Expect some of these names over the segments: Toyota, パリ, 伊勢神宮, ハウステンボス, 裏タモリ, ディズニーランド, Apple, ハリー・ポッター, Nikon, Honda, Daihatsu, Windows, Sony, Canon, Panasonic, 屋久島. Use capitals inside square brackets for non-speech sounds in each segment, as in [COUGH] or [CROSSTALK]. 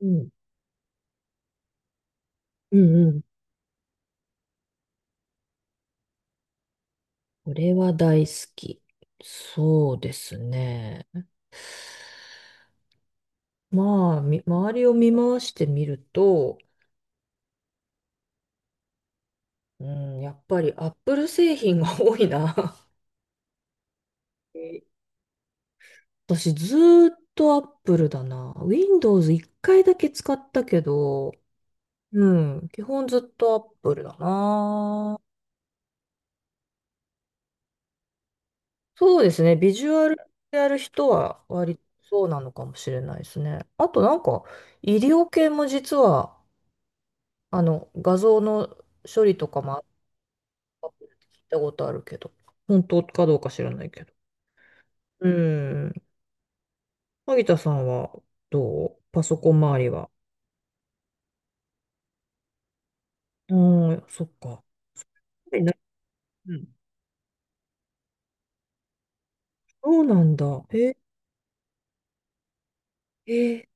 うん。うんうん。これは大好き。そうですね。まあ、周りを見回してみると、うん、やっぱりアップル製品が [LAUGHS] 多いな。[LAUGHS] え私ずーっとアップルだな。Windows 一回だけ使ったけど、うん、基本ずっとアップルだな。そうですね。ビジュアルやる人は割とそうなのかもしれないですね。あとなんか、医療系も実は画像の処理とかもあって聞いたことあるけど、本当かどうか知らないけど。うん。萩田さんはどう、パソコン周りは。うん、そっか。えなうん、そうなんだ。え、えー、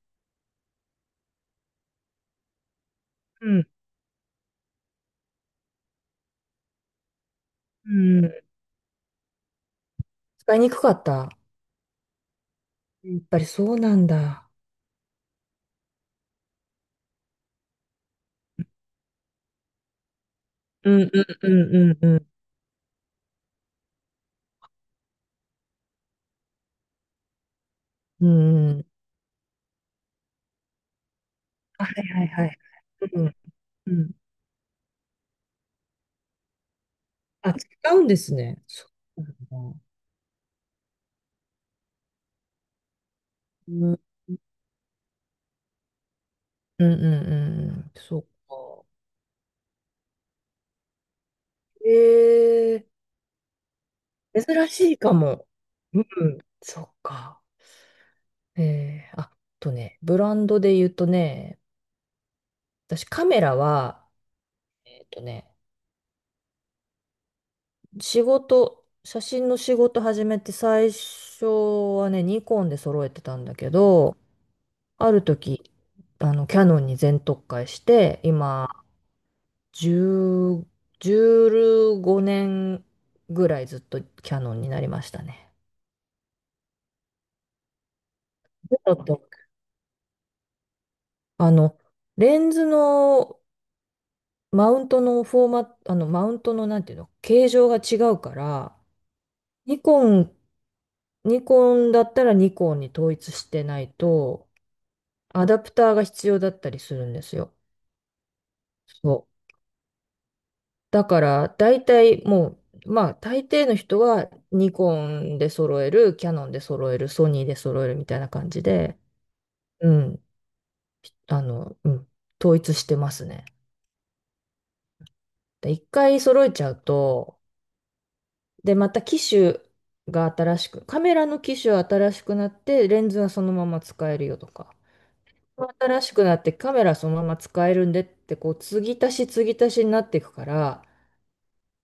うん、うん。使いにくかった。やっぱりそうなんだ。うんうんうんうんうん。うんうん。あ、はいはいはい。うんうん。あ、使うんですね。そうなんだ。うんうんうんうん。そうか。ええ、珍しいかも。うん、そっか。ええ、あとね、ブランドで言うとね、私カメラは、えっとね、仕事、写真の仕事始めて最初はね、ニコンで揃えてたんだけど、ある時、キヤノンに全特化して、今、10、15年ぐらいずっとキヤノンになりましたね。ちっとあの、レンズのマウントのフォーマット、マウントのなんていうの、形状が違うから、ニコン、ニコンだったらニコンに統一してないと、アダプターが必要だったりするんですよ。そう。だから、大体もう、まあ、大抵の人はニコンで揃える、キヤノンで揃える、ソニーで揃えるみたいな感じで、うん、あの、うん、統一してますね。で、一回揃えちゃうと、で、また機種が新しく、カメラの機種は新しくなって、レンズはそのまま使えるよとか、新しくなってカメラそのまま使えるんでって、こう、継ぎ足し継ぎ足しになっていくから、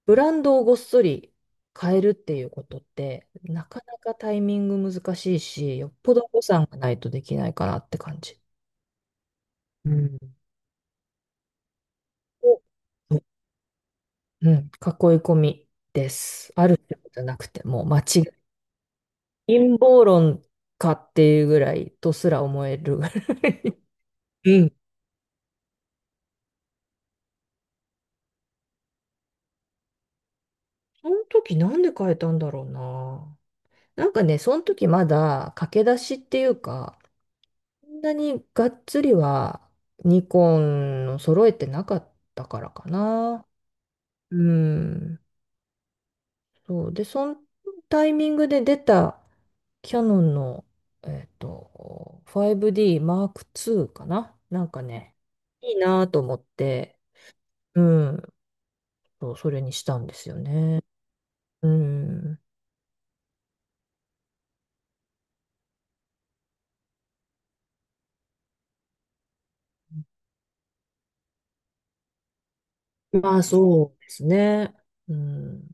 ブランドをごっそり変えるっていうことって、なかなかタイミング難しいし、よっぽど予算がないとできないかなって感じ。うん、お、うん、囲い込みです。あるってことじゃなくて、もう間違い陰謀論かっていうぐらいとすら思えるぐらい。うん。その時なんで変えたんだろうな。なんかね、その時まだ駆け出しっていうか、そんなにがっつりはニコンを揃えてなかったからかな。うん。そう。で、そのタイミングで出たキヤノンの、5D Mark II かな。なんかね、いいなと思って、うん、そう、それにしたんですよね。うん。まあ、そうですね。うん。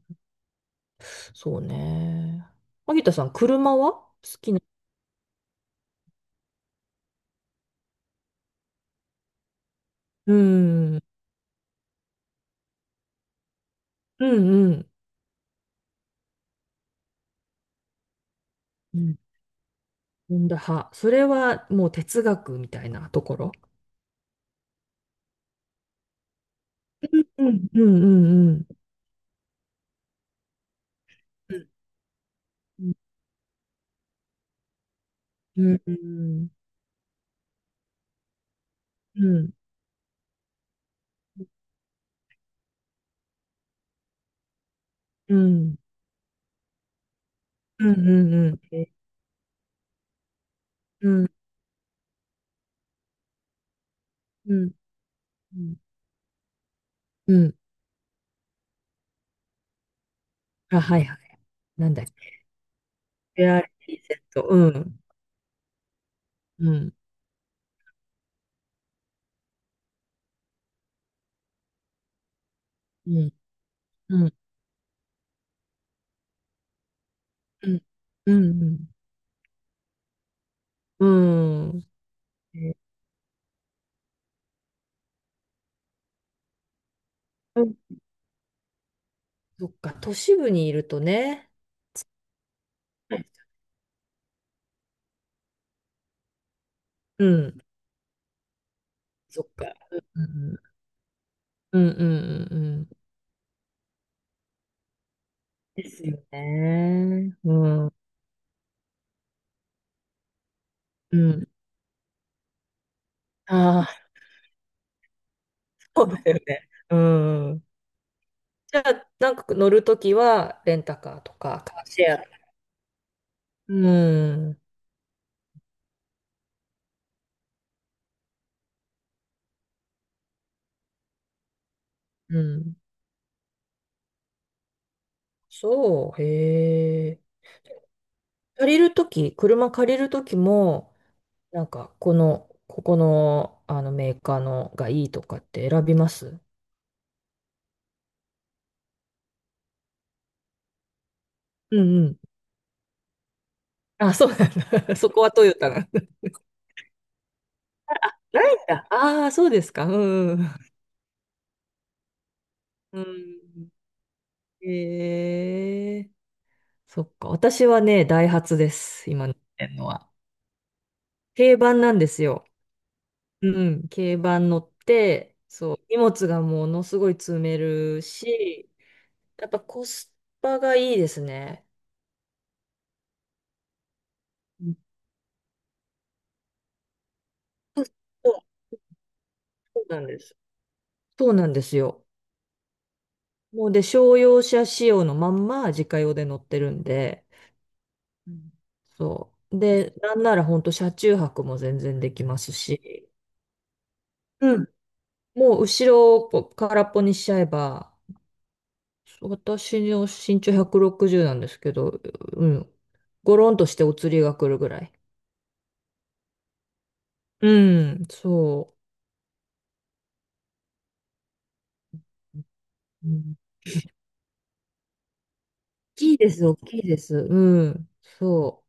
そうね。萩田さん、車は好きな。うん。うんうん。うん。ホンダ派。それはもう哲学みたいなところ。うんうんうんうんうんうんうんうんうんうんうんうんうんうんうん、あ、はいはい、なんだっけ、 ART セット、うんうんうんうんうんうんうんうん。うん。 [LAUGHS] そっか、都市部にいるとね。うん。そっか。うんうんうんうんうんうん。ですよね。うん。うん。ああ、そうだよね。うん。じゃあ、なんか乗るときは、レンタカーとか、カーシェア。うん。うん。そう、へえ。借りるとき、車借りるときも、なんか、この、ここの、あのメーカーのがいいとかって選びます？うんうん。あ、そうなんだ。[LAUGHS] そこはトヨタなんだ。ないんだ。ああ、そうですか。うんうん。うん。ええ、そっか。私はね、ダイハツです。今乗ってんのは。軽バンなんですよ。うん。軽バン乗って、そう。荷物がものすごい積めるし、やっぱコスパがいいですね。うん、そう、そうなんです。そうなんですよ。もうで、商用車仕様のまんま自家用で乗ってるんで、うん、そう。で、なんなら本当車中泊も全然できますし、うん、もう後ろをぽ空っぽにしちゃえば、私の身長160なんですけど、うん、ゴロンとしてお釣りが来るぐらい。うん、そう。うん、大きいです、大きいです。うん、そ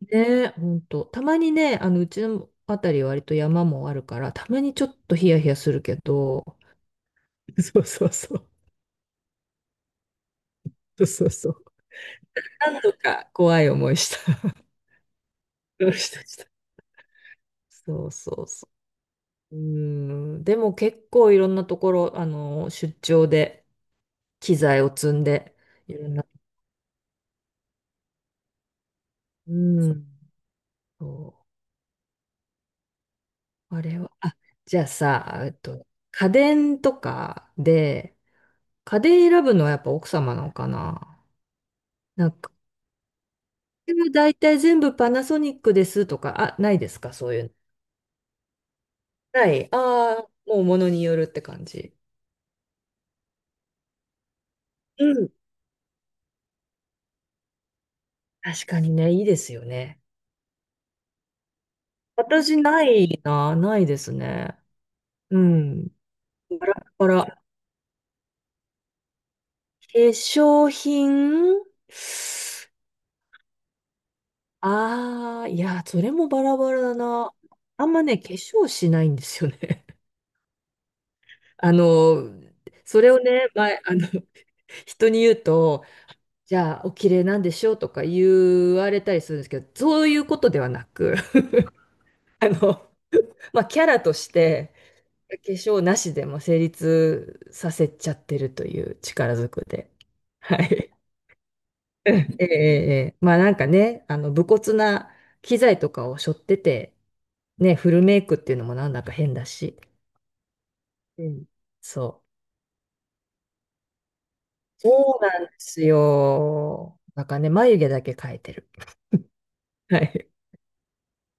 う。ね、本当。たまにね、うちのあたり割と山もあるから、たまにちょっとヒヤヒヤするけど、[LAUGHS] そうそうそう。そうそうそう何度か怖い思いした。[LAUGHS] そうしたしたそうそうそう。うん。でも結構いろんなところ、出張で機材を積んで、いろんな。うん。そう。あれは、あ、じゃあさ、家電とかで、家電選ぶのはやっぱ奥様なのかな？なんか、うちは大体全部パナソニックですとか、あ、ないですかそういうの。ない。ああ、もう物によるって感じ。うん。確かにね、いいですよね。私ないな、ないですね。うん。バラバラ。化粧品。ああー、いや、それもバラバラだな。あんまね、化粧しないんですよね。[LAUGHS] あの、それをね、前、人に言うと、じゃあ、お綺麗なんでしょうとか言われたりするんですけど、そういうことではなく、[LAUGHS] まあ、キャラとして、化粧なしでも成立させちゃってるという、力ずくで。はい。うん、ええ、ええ、ええ、まあなんかね、武骨な機材とかを背負ってて、ね、フルメイクっていうのもなんだか変だし。うん。そう。そうなんですよ。なんかね、眉毛だけ描いてる。はい。